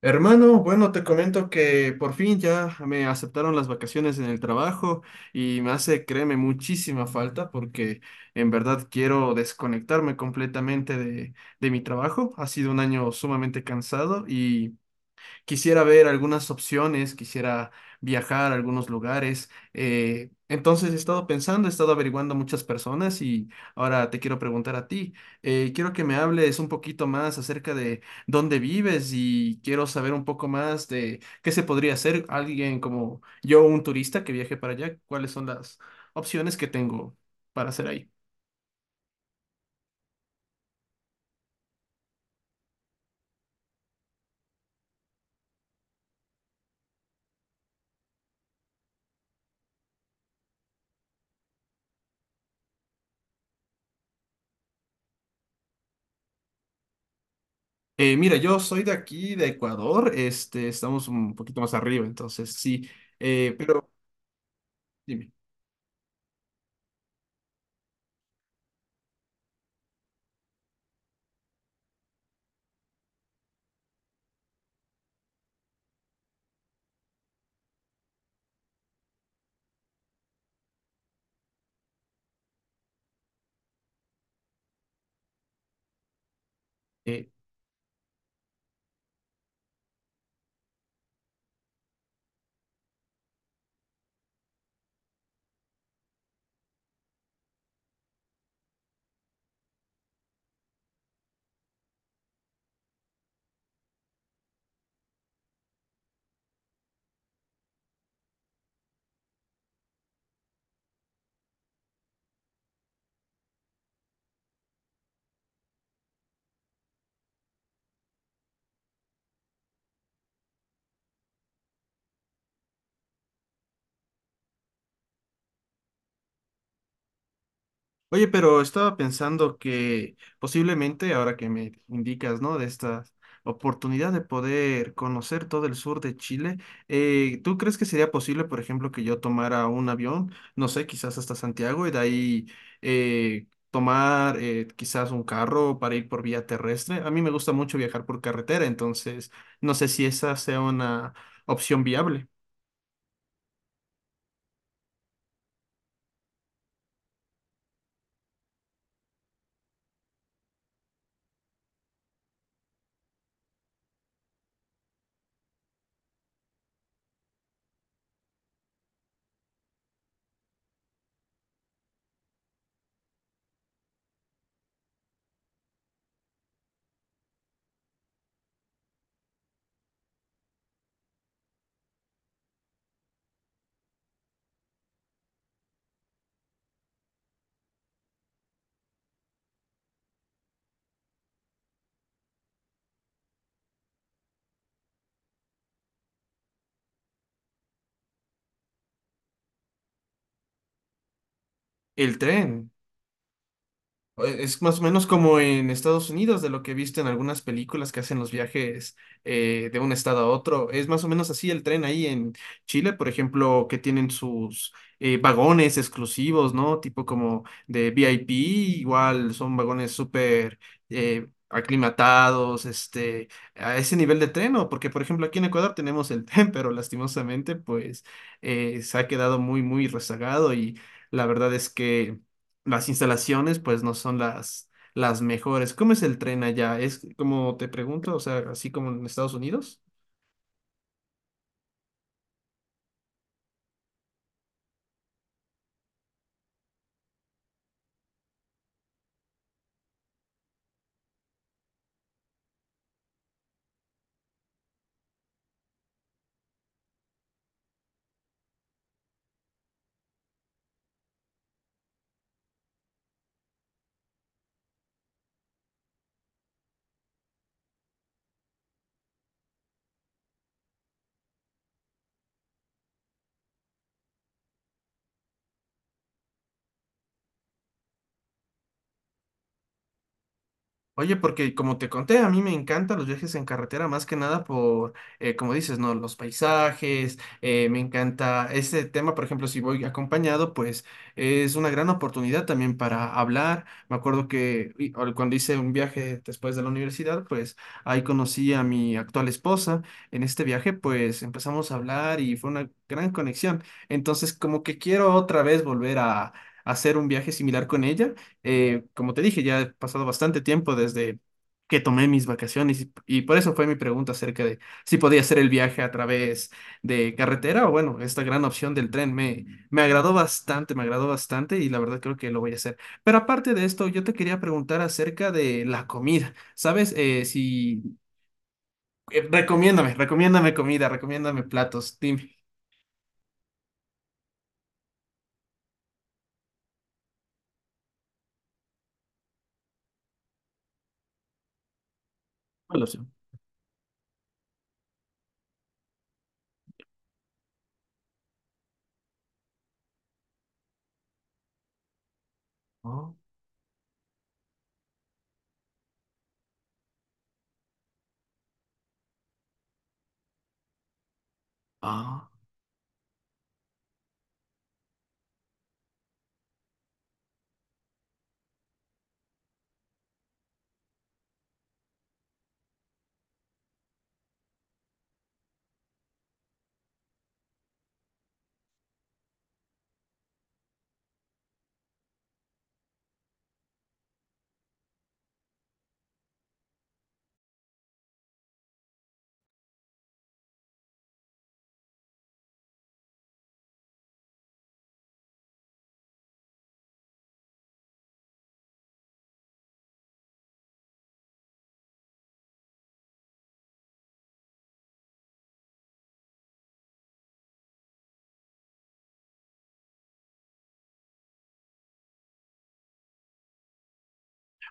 Hermano, bueno, te comento que por fin ya me aceptaron las vacaciones en el trabajo y me hace, créeme, muchísima falta porque en verdad quiero desconectarme completamente de mi trabajo. Ha sido un año sumamente cansado y quisiera ver algunas opciones, quisiera viajar a algunos lugares. Entonces he estado pensando, he estado averiguando a muchas personas y ahora te quiero preguntar a ti. Quiero que me hables un poquito más acerca de dónde vives y quiero saber un poco más de qué se podría hacer alguien como yo, un turista que viaje para allá, cuáles son las opciones que tengo para hacer ahí. Mira, yo soy de aquí, de Ecuador, este, estamos un poquito más arriba, entonces sí, pero dime. Eh, Oye, pero estaba pensando que posiblemente, ahora que me indicas, ¿no? De esta oportunidad de poder conocer todo el sur de Chile, ¿tú crees que sería posible, por ejemplo, que yo tomara un avión, no sé, quizás hasta Santiago y de ahí tomar quizás un carro para ir por vía terrestre? A mí me gusta mucho viajar por carretera, entonces no sé si esa sea una opción viable. El tren. Es más o menos como en Estados Unidos, de lo que he visto en algunas películas que hacen los viajes de un estado a otro. Es más o menos así el tren ahí en Chile, por ejemplo, que tienen sus vagones exclusivos, ¿no? Tipo como de VIP, igual son vagones súper aclimatados, este, a ese nivel de tren, ¿no? Porque, por ejemplo, aquí en Ecuador tenemos el tren, pero lastimosamente, pues, se ha quedado muy, muy rezagado y la verdad es que las instalaciones pues no son las mejores. ¿Cómo es el tren allá? ¿Es como te pregunto, o sea, así como en Estados Unidos? Oye, porque como te conté, a mí me encantan los viajes en carretera, más que nada por, como dices, ¿no? Los paisajes, me encanta este tema, por ejemplo, si voy acompañado, pues es una gran oportunidad también para hablar. Me acuerdo que o cuando hice un viaje después de la universidad, pues ahí conocí a mi actual esposa. En este viaje, pues empezamos a hablar y fue una gran conexión. Entonces, como que quiero otra vez volver a hacer un viaje similar con ella, como te dije, ya ha pasado bastante tiempo desde que tomé mis vacaciones y por eso fue mi pregunta acerca de si podía hacer el viaje a través de carretera o bueno, esta gran opción del tren me, me agradó bastante y la verdad creo que lo voy a hacer. Pero aparte de esto, yo te quería preguntar acerca de la comida. ¿Sabes? Si... recomiéndame, recomiéndame comida, recomiéndame platos, dime. ¿Cuál opción? Oh, ah.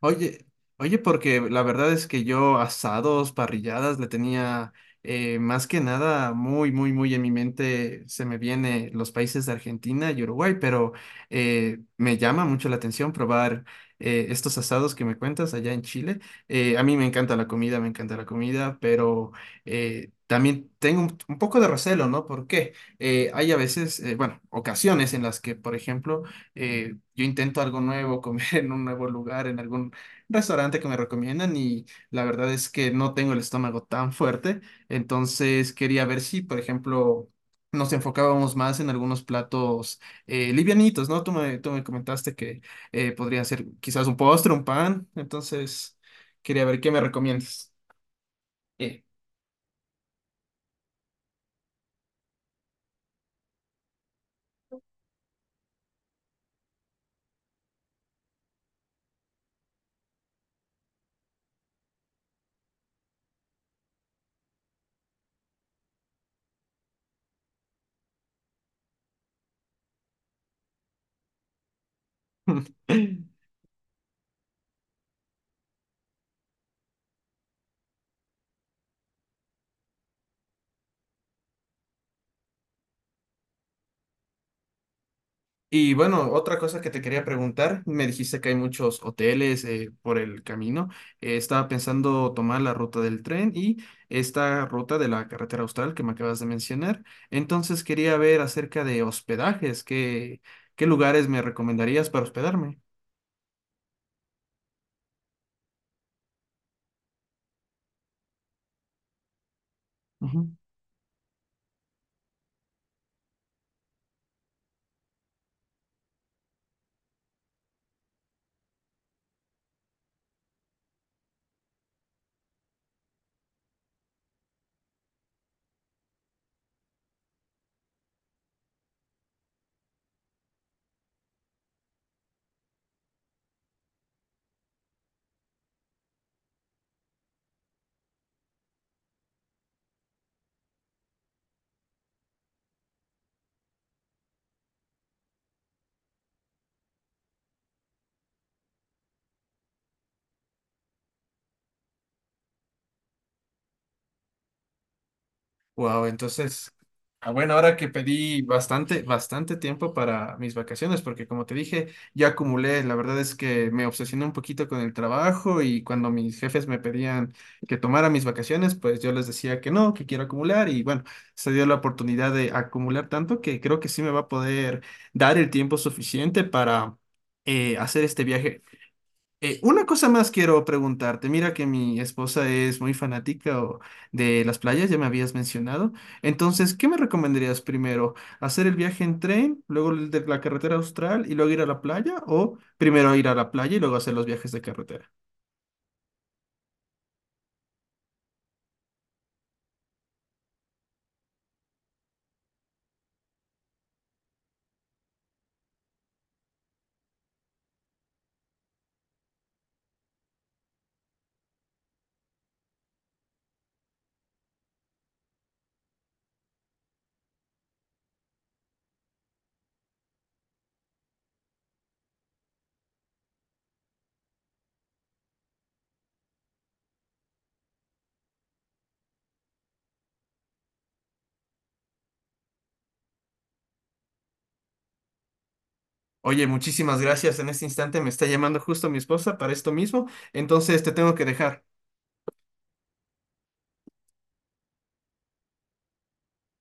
Oye, oye, porque la verdad es que yo asados, parrilladas, le tenía más que nada muy, muy, muy en mi mente, se me viene los países de Argentina y Uruguay, pero me llama mucho la atención probar estos asados que me cuentas allá en Chile. A mí me encanta la comida, me encanta la comida, pero también tengo un poco de recelo, ¿no? Porque hay a veces, bueno, ocasiones en las que, por ejemplo, yo intento algo nuevo, comer en un nuevo lugar, en algún restaurante que me recomiendan y la verdad es que no tengo el estómago tan fuerte, entonces quería ver si, por ejemplo, nos enfocábamos más en algunos platos livianitos, ¿no? Tú me comentaste que podría ser quizás un postre, un pan, entonces quería ver qué me recomiendas. Eh. Y bueno, otra cosa que te quería preguntar, me dijiste que hay muchos hoteles por el camino. Estaba pensando tomar la ruta del tren y esta ruta de la carretera austral que me acabas de mencionar. Entonces quería ver acerca de hospedajes, ¿qué qué lugares me recomendarías para hospedarme? Wow, entonces, ah, bueno, ahora que pedí bastante, bastante tiempo para mis vacaciones, porque como te dije, ya acumulé, la verdad es que me obsesioné un poquito con el trabajo y cuando mis jefes me pedían que tomara mis vacaciones, pues yo les decía que no, que quiero acumular y bueno, se dio la oportunidad de acumular tanto que creo que sí me va a poder dar el tiempo suficiente para hacer este viaje. Una cosa más quiero preguntarte. Mira que mi esposa es muy fanática de las playas, ya me habías mencionado. Entonces, ¿qué me recomendarías primero? ¿Hacer el viaje en tren, luego el de la carretera austral y luego ir a la playa? ¿O primero ir a la playa y luego hacer los viajes de carretera? Oye, muchísimas gracias. En este instante me está llamando justo mi esposa para esto mismo. Entonces, te tengo que dejar.